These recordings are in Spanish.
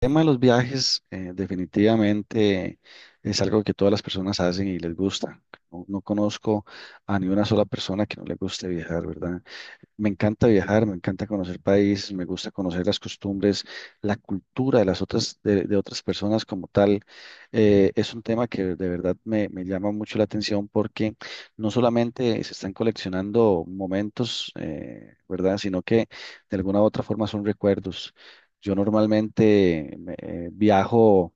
El tema de los viajes, definitivamente es algo que todas las personas hacen y les gusta. No, no conozco a ni una sola persona que no le guste viajar, ¿verdad? Me encanta viajar, me encanta conocer países, me gusta conocer las costumbres, la cultura de las otras, de otras personas como tal. Es un tema que de verdad me llama mucho la atención porque no solamente se están coleccionando momentos, ¿verdad? Sino que de alguna u otra forma son recuerdos. Yo normalmente viajo.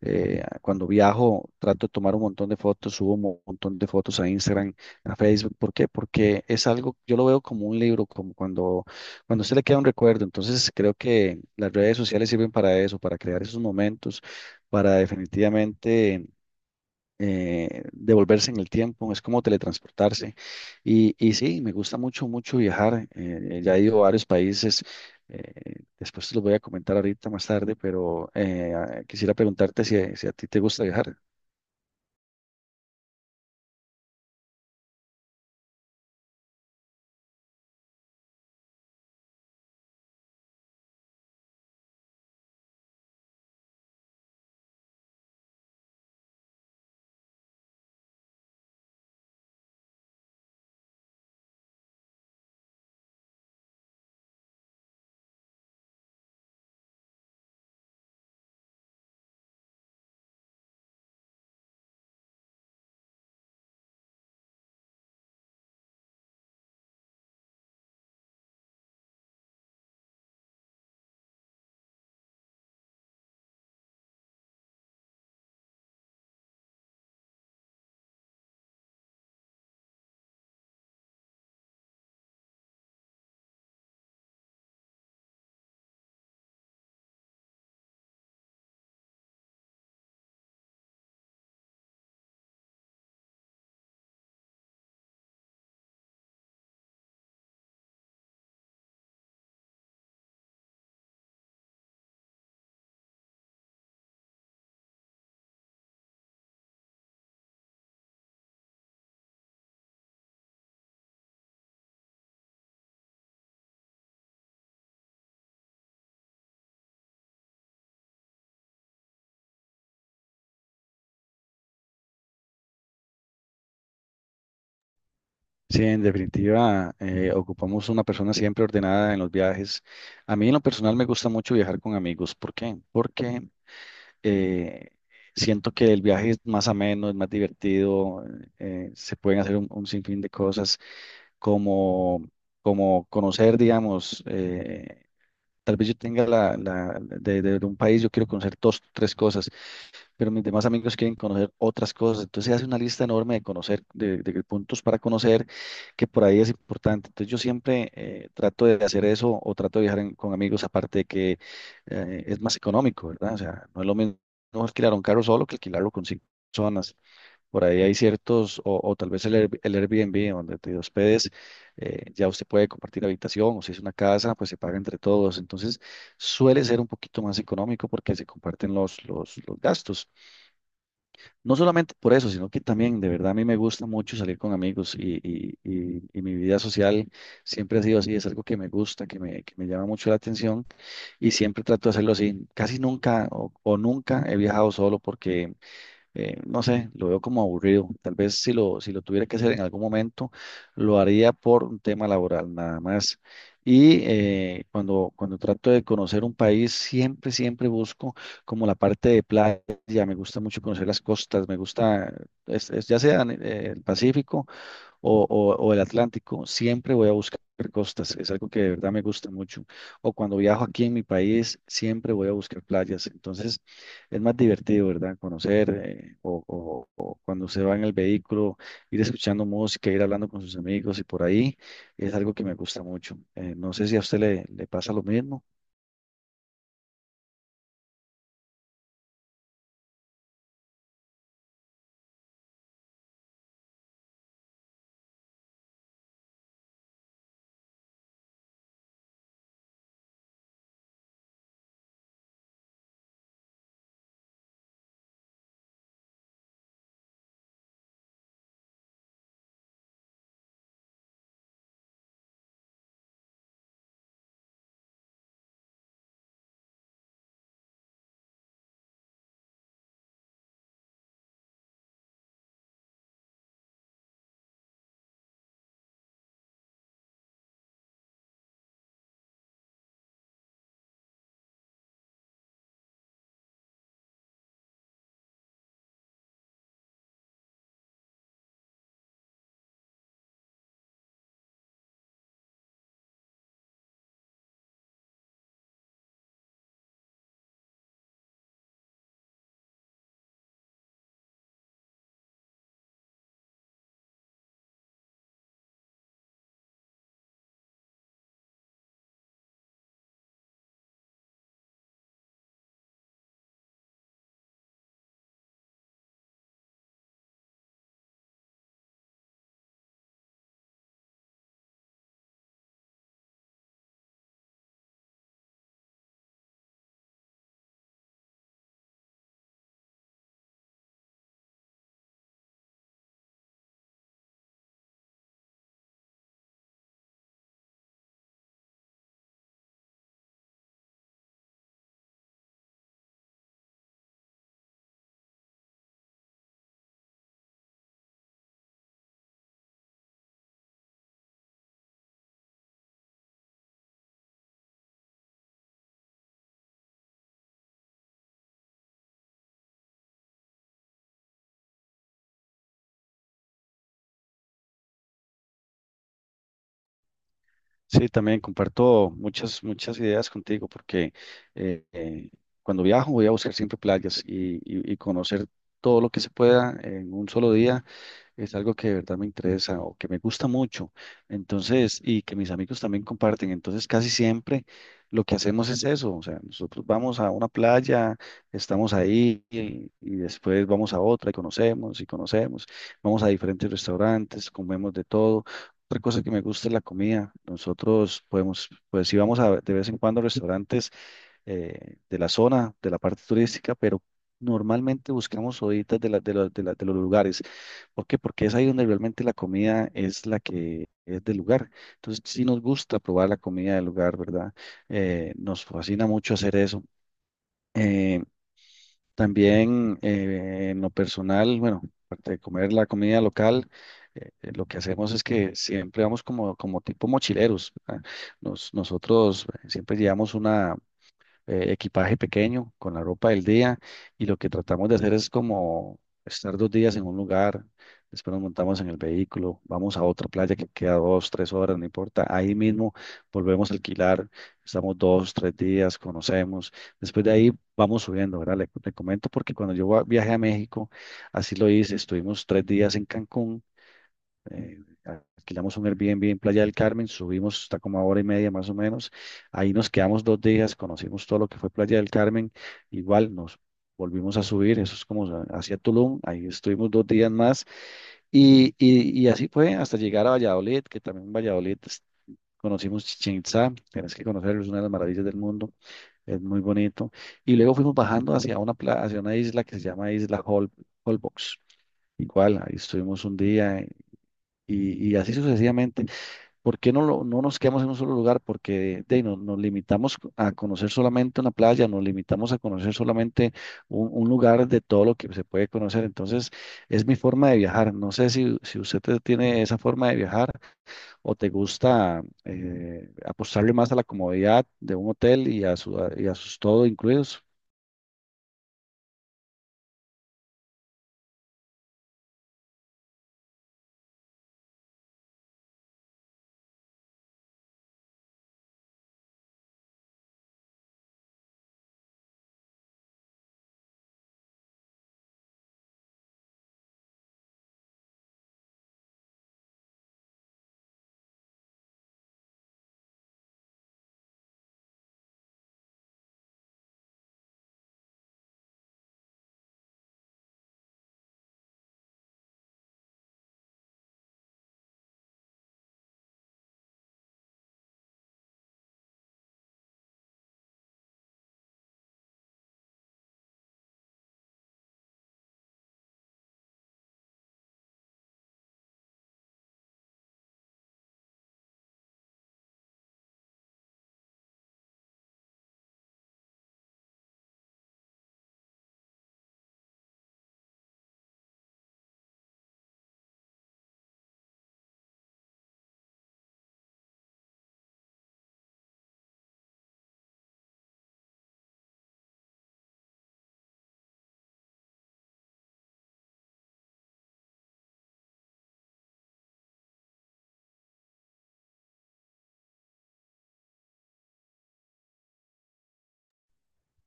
Cuando viajo, trato de tomar un montón de fotos, subo un montón de fotos a Instagram, a Facebook. ¿Por qué? Porque es algo, yo lo veo como un libro, como cuando se le queda un recuerdo. Entonces, creo que las redes sociales sirven para eso, para crear esos momentos, para definitivamente, devolverse en el tiempo, es como teletransportarse. Y sí, me gusta mucho, mucho viajar. Ya he ido a varios países. Después te los voy a comentar ahorita más tarde, pero quisiera preguntarte si a ti te gusta viajar. Sí, en definitiva, ocupamos una persona siempre ordenada en los viajes. A mí en lo personal me gusta mucho viajar con amigos. ¿Por qué? Porque eh, siento que el viaje es más ameno, es más divertido. Se pueden hacer un sinfín de cosas. como, como conocer, digamos, tal vez yo tenga de un país, yo quiero conocer dos, tres cosas, pero mis demás amigos quieren conocer otras cosas. Entonces se hace una lista enorme de conocer, de puntos para conocer, que por ahí es importante. Entonces yo siempre trato de hacer eso o trato de viajar con amigos, aparte de que es más económico, ¿verdad? O sea, no es lo mismo alquilar un carro solo que alquilarlo con cinco personas. Por ahí hay ciertos, o tal vez el Airbnb, donde te hospedes, ya usted puede compartir habitación, o si es una casa, pues se paga entre todos. Entonces, suele ser un poquito más económico porque se comparten los gastos. No solamente por eso, sino que también, de verdad, a mí me gusta mucho salir con amigos y mi vida social siempre ha sido así, es algo que me gusta, que me llama mucho la atención y siempre trato de hacerlo así. Casi nunca o nunca he viajado solo porque no sé, lo veo como aburrido. Tal vez si lo tuviera que hacer en algún momento, lo haría por un tema laboral nada más. Y cuando trato de conocer un país, siempre busco como la parte de playa. Me gusta mucho conocer las costas, me gusta, es ya sea en, el Pacífico o el Atlántico, siempre voy a buscar costas, es algo que de verdad me gusta mucho. O cuando viajo aquí en mi país, siempre voy a buscar playas. Entonces, es más divertido, ¿verdad? Conocer, o cuando se va en el vehículo, ir escuchando música, ir hablando con sus amigos y por ahí, es algo que me gusta mucho. No sé si a usted le pasa lo mismo. Sí, también comparto muchas, muchas ideas contigo porque eh, eh, cuando viajo voy a buscar siempre playas y conocer todo lo que se pueda en un solo día es algo que de verdad me interesa o que me gusta mucho, entonces, y que mis amigos también comparten, entonces casi siempre lo que hacemos es eso, o sea, nosotros vamos a una playa, estamos ahí y después vamos a otra y conocemos, vamos a diferentes restaurantes, comemos de todo. Otra cosa que me gusta es la comida. Nosotros podemos, pues si vamos a, de vez en cuando a restaurantes de la zona, de la parte turística, pero normalmente buscamos horitas de los lugares. ¿Por qué? Porque es ahí donde realmente la comida es la que es del lugar. Entonces, sí nos gusta probar la comida del lugar, ¿verdad? Nos fascina mucho hacer eso. Eh, también, en lo personal, bueno, aparte de comer la comida local, lo que hacemos es que siempre vamos como, tipo mochileros, ¿verdad? Nosotros siempre llevamos equipaje pequeño con la ropa del día y lo que tratamos de hacer es como estar 2 días en un lugar, después nos montamos en el vehículo, vamos a otra playa que queda 2, 3 horas, no importa, ahí mismo volvemos a alquilar, estamos 2, 3 días, conocemos, después de ahí vamos subiendo, ¿verdad? Le comento porque cuando yo viajé a México, así lo hice, estuvimos tres días en Cancún. eh, Alquilamos un Airbnb en Playa del Carmen, subimos hasta como a hora y media más o menos, ahí nos quedamos 2 días, conocimos todo lo que fue Playa del Carmen, igual nos volvimos a subir, eso es como hacia Tulum, ahí estuvimos 2 días más y así fue hasta llegar a Valladolid, que también en Valladolid conocimos Chichén Itzá, tienes que conocerlo, es una de las maravillas del mundo, es muy bonito, y luego fuimos bajando hacia una isla que se llama Isla Holbox. Igual, ahí estuvimos un día, y así sucesivamente. ¿Por qué no nos quedamos en un solo lugar? Porque de ahí, nos limitamos a conocer solamente una playa, nos limitamos a conocer solamente un lugar de todo lo que se puede conocer. Entonces, es mi forma de viajar. No sé si usted tiene esa forma de viajar o te gusta apostarle más a la comodidad de un hotel y a sus todo incluidos.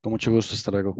Con mucho gusto, hasta luego.